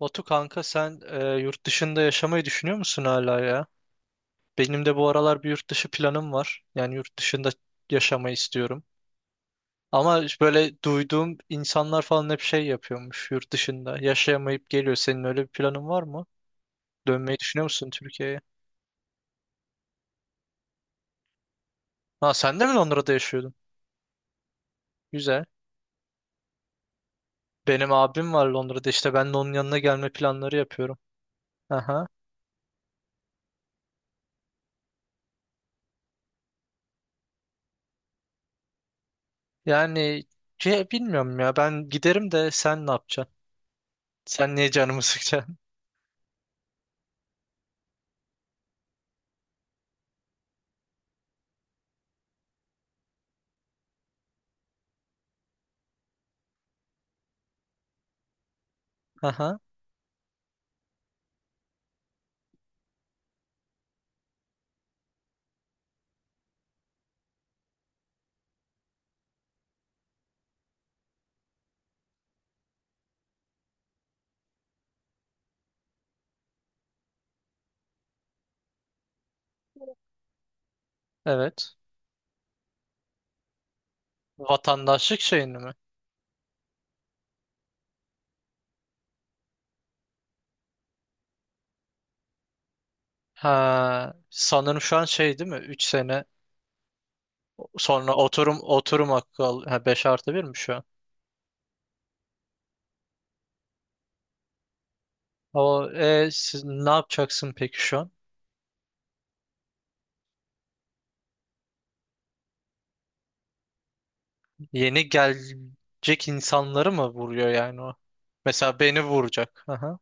Batu kanka sen yurt dışında yaşamayı düşünüyor musun hala ya? Benim de bu aralar bir yurt dışı planım var. Yani yurt dışında yaşamayı istiyorum. Ama böyle duyduğum insanlar falan hep şey yapıyormuş yurt dışında. Yaşayamayıp geliyor. Senin öyle bir planın var mı? Dönmeyi düşünüyor musun Türkiye'ye? Ha sen de mi Londra'da yaşıyordun? Güzel. Benim abim var Londra'da işte ben de onun yanına gelme planları yapıyorum. Aha. Yani bilmiyorum ya ben giderim de sen ne yapacaksın? Sen niye canımı sıkacaksın? Aha. Evet. Vatandaşlık şeyini mi? Ha, sanırım şu an şey değil mi? 3 sene sonra oturum hakkı al. Ha, 5 artı 1 mi şu an? Siz ne yapacaksın peki şu an? Yeni gelecek insanları mı vuruyor yani o? Mesela beni vuracak. Aha.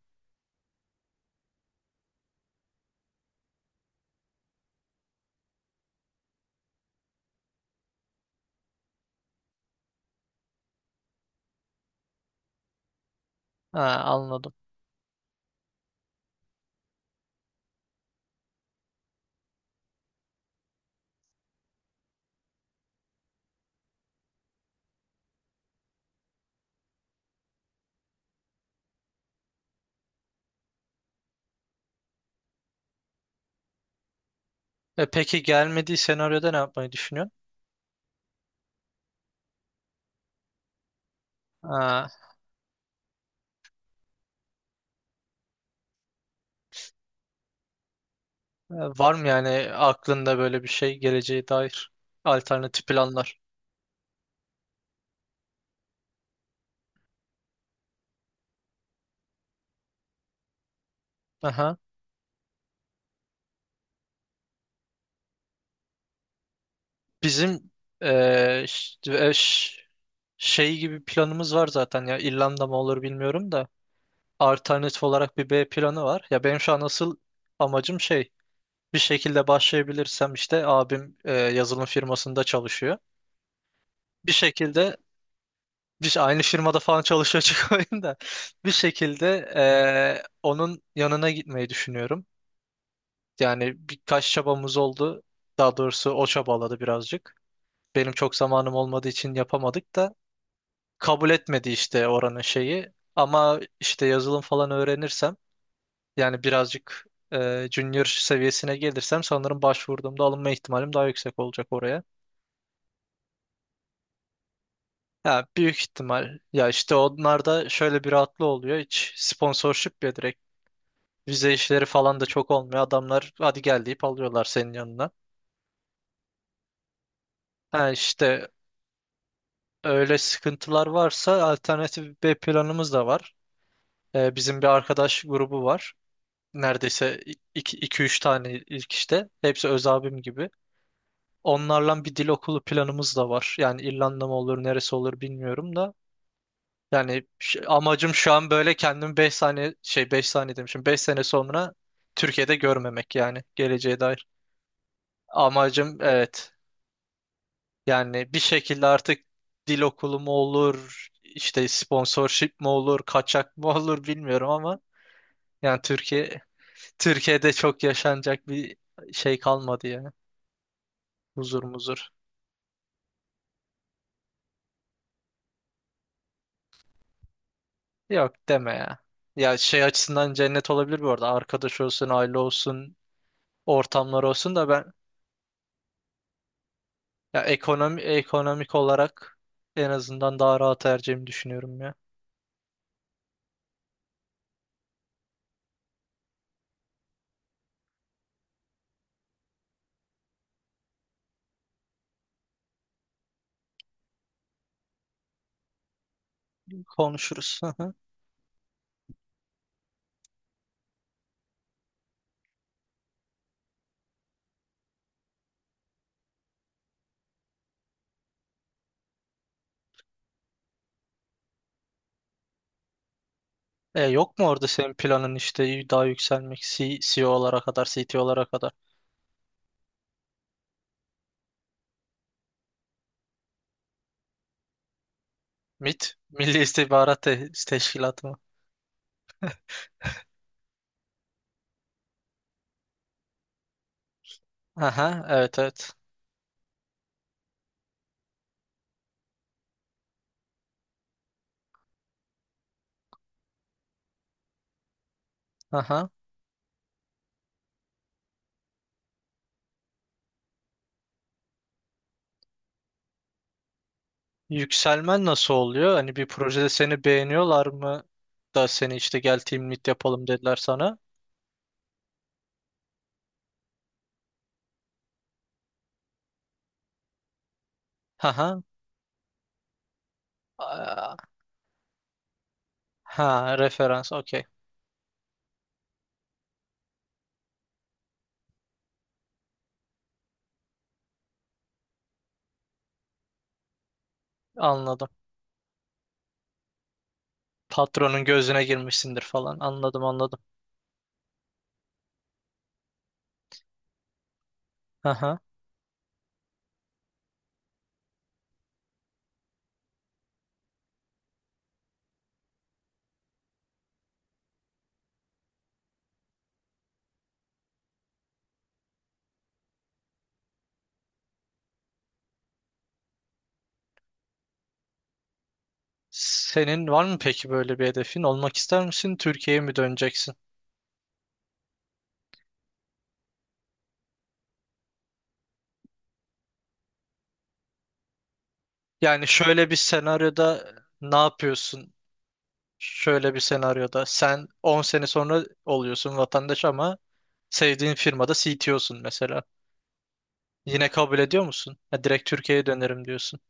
Ha, anladım. E, peki gelmediği senaryoda ne yapmayı düşünüyorsun? Ha, e, var mı yani aklında böyle bir şey geleceğe dair alternatif planlar? Aha. Bizim eee, ş- e, ş- şey gibi planımız var zaten ya İrlanda mı olur bilmiyorum da alternatif olarak bir B planı var. Ya benim şu an asıl amacım şey bir şekilde başlayabilirsem işte abim yazılım firmasında çalışıyor. Bir şekilde biz aynı firmada falan çalışıyor çıkmayın da bir şekilde onun yanına gitmeyi düşünüyorum. Yani birkaç çabamız oldu. Daha doğrusu o çabaladı birazcık. Benim çok zamanım olmadığı için yapamadık, kabul etmedi işte oranın şeyi. Ama işte yazılım falan öğrenirsem yani birazcık junior seviyesine gelirsem sanırım başvurduğumda alınma ihtimalim daha yüksek olacak oraya. Ya büyük ihtimal. Ya işte onlarda şöyle bir rahatlığı oluyor. Hiç sponsorship ya direkt. Vize işleri falan da çok olmuyor. Adamlar hadi gel deyip alıyorlar senin yanına. Ha işte öyle sıkıntılar varsa alternatif B planımız da var. E, bizim bir arkadaş grubu var. Neredeyse iki üç tane ilk işte. Hepsi öz abim gibi. Onlarla bir dil okulu planımız da var. Yani İrlanda mı olur, neresi olur bilmiyorum da. Yani amacım şu an böyle kendimi 5 saniye şey 5 saniye demişim. Beş sene sonra Türkiye'de görmemek yani geleceğe dair. Amacım evet. Yani bir şekilde artık dil okulu mu olur, işte sponsorship mi olur, kaçak mı olur bilmiyorum ama yani Türkiye'de çok yaşanacak bir şey kalmadı ya. Huzur muzur. Yok deme ya. Ya şey açısından cennet olabilir bu arada. Arkadaş olsun, aile olsun, ortamlar olsun da ben ya ekonomik olarak en azından daha rahat ereceğimi düşünüyorum ya. Konuşuruz. Hı hı. E, yok mu orada senin planın işte daha yükselmek CEO olarak kadar, CTO olarak kadar? MIT, Milli İstihbarat Teşkilatı mı? Aha, evet evet. Aha. Yükselmen nasıl oluyor? Hani bir projede seni beğeniyorlar mı da seni işte gel team lead yapalım dediler sana. Haha. Aa, ha referans okey anladım. Patronun gözüne girmişsindir falan, anladım anladım. Haha. Senin var mı peki böyle bir hedefin? Olmak ister misin? Türkiye'ye mi döneceksin? Yani şöyle bir senaryoda ne yapıyorsun? Şöyle bir senaryoda sen 10 sene sonra oluyorsun vatandaş ama sevdiğin firmada CTO'sun mesela. Yine kabul ediyor musun? Ya direkt Türkiye'ye dönerim diyorsun.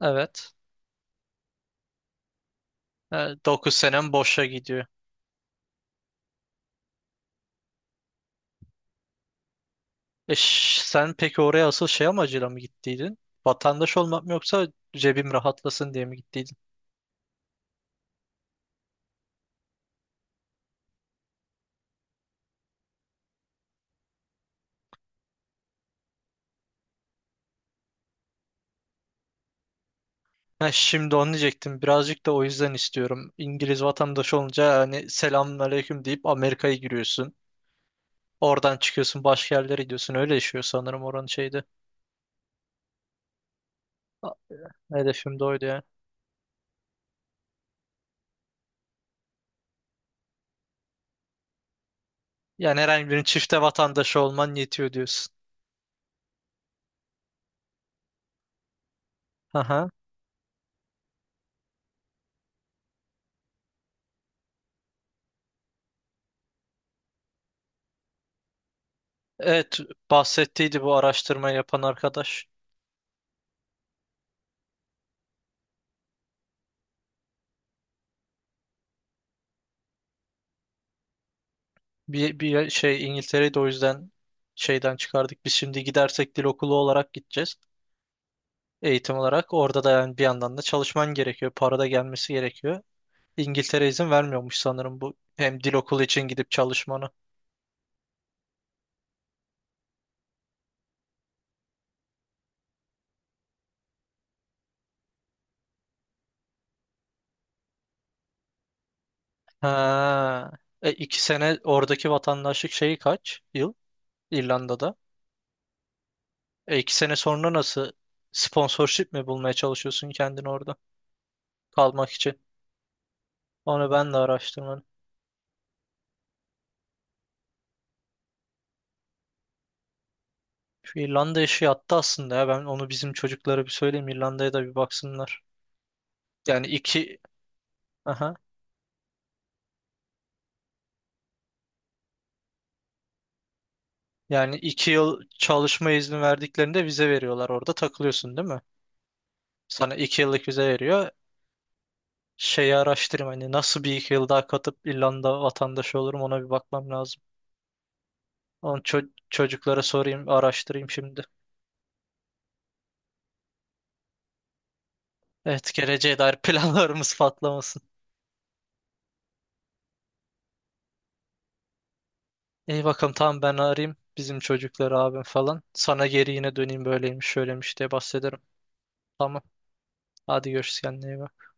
Evet. 9 senem boşa gidiyor. Sen peki oraya asıl şey amacıyla mı gittiydin? Vatandaş olmak mı yoksa cebim rahatlasın diye mi gittiydin? Ha, şimdi onu diyecektim. Birazcık da o yüzden istiyorum. İngiliz vatandaş olunca hani selamünaleyküm deyip Amerika'ya giriyorsun. Oradan çıkıyorsun başka yerlere gidiyorsun. Öyle yaşıyor sanırım oranın şeydi. A- Hedefim de oydu ya. Yani herhangi birinin çifte vatandaşı olman yetiyor diyorsun. Aha. Evet, bahsettiydi bu araştırma yapan arkadaş. Bir şey, İngiltere'yi de o yüzden şeyden çıkardık. Biz şimdi gidersek dil okulu olarak gideceğiz. Eğitim olarak. Orada da yani bir yandan da çalışman gerekiyor. Para da gelmesi gerekiyor. İngiltere izin vermiyormuş sanırım bu hem dil okulu için gidip çalışmanı. Ha. E, iki sene oradaki vatandaşlık şeyi kaç yıl İrlanda'da? E, iki sene sonra nasıl sponsorship mi bulmaya çalışıyorsun kendini orada kalmak için? Onu ben de araştırmadım. Şu İrlanda işi yattı aslında ya. Ben onu bizim çocuklara bir söyleyeyim. İrlanda'ya da bir baksınlar. Yani iki aha, yani iki yıl çalışma izni verdiklerinde vize veriyorlar. Orada takılıyorsun değil mi? Sana iki yıllık vize veriyor. Şeyi araştırayım hani nasıl bir iki yıl daha katıp İrlanda vatandaşı olurum, ona bir bakmam lazım. Onu çocuklara sorayım, araştırayım şimdi. Evet, geleceğe dair planlarımız patlamasın. İyi bakalım, tamam ben arayayım bizim çocukları abim falan. Sana geri yine döneyim böyleymiş şöyleymiş diye bahsederim. Tamam. Hadi görüşürüz, kendine iyi bak.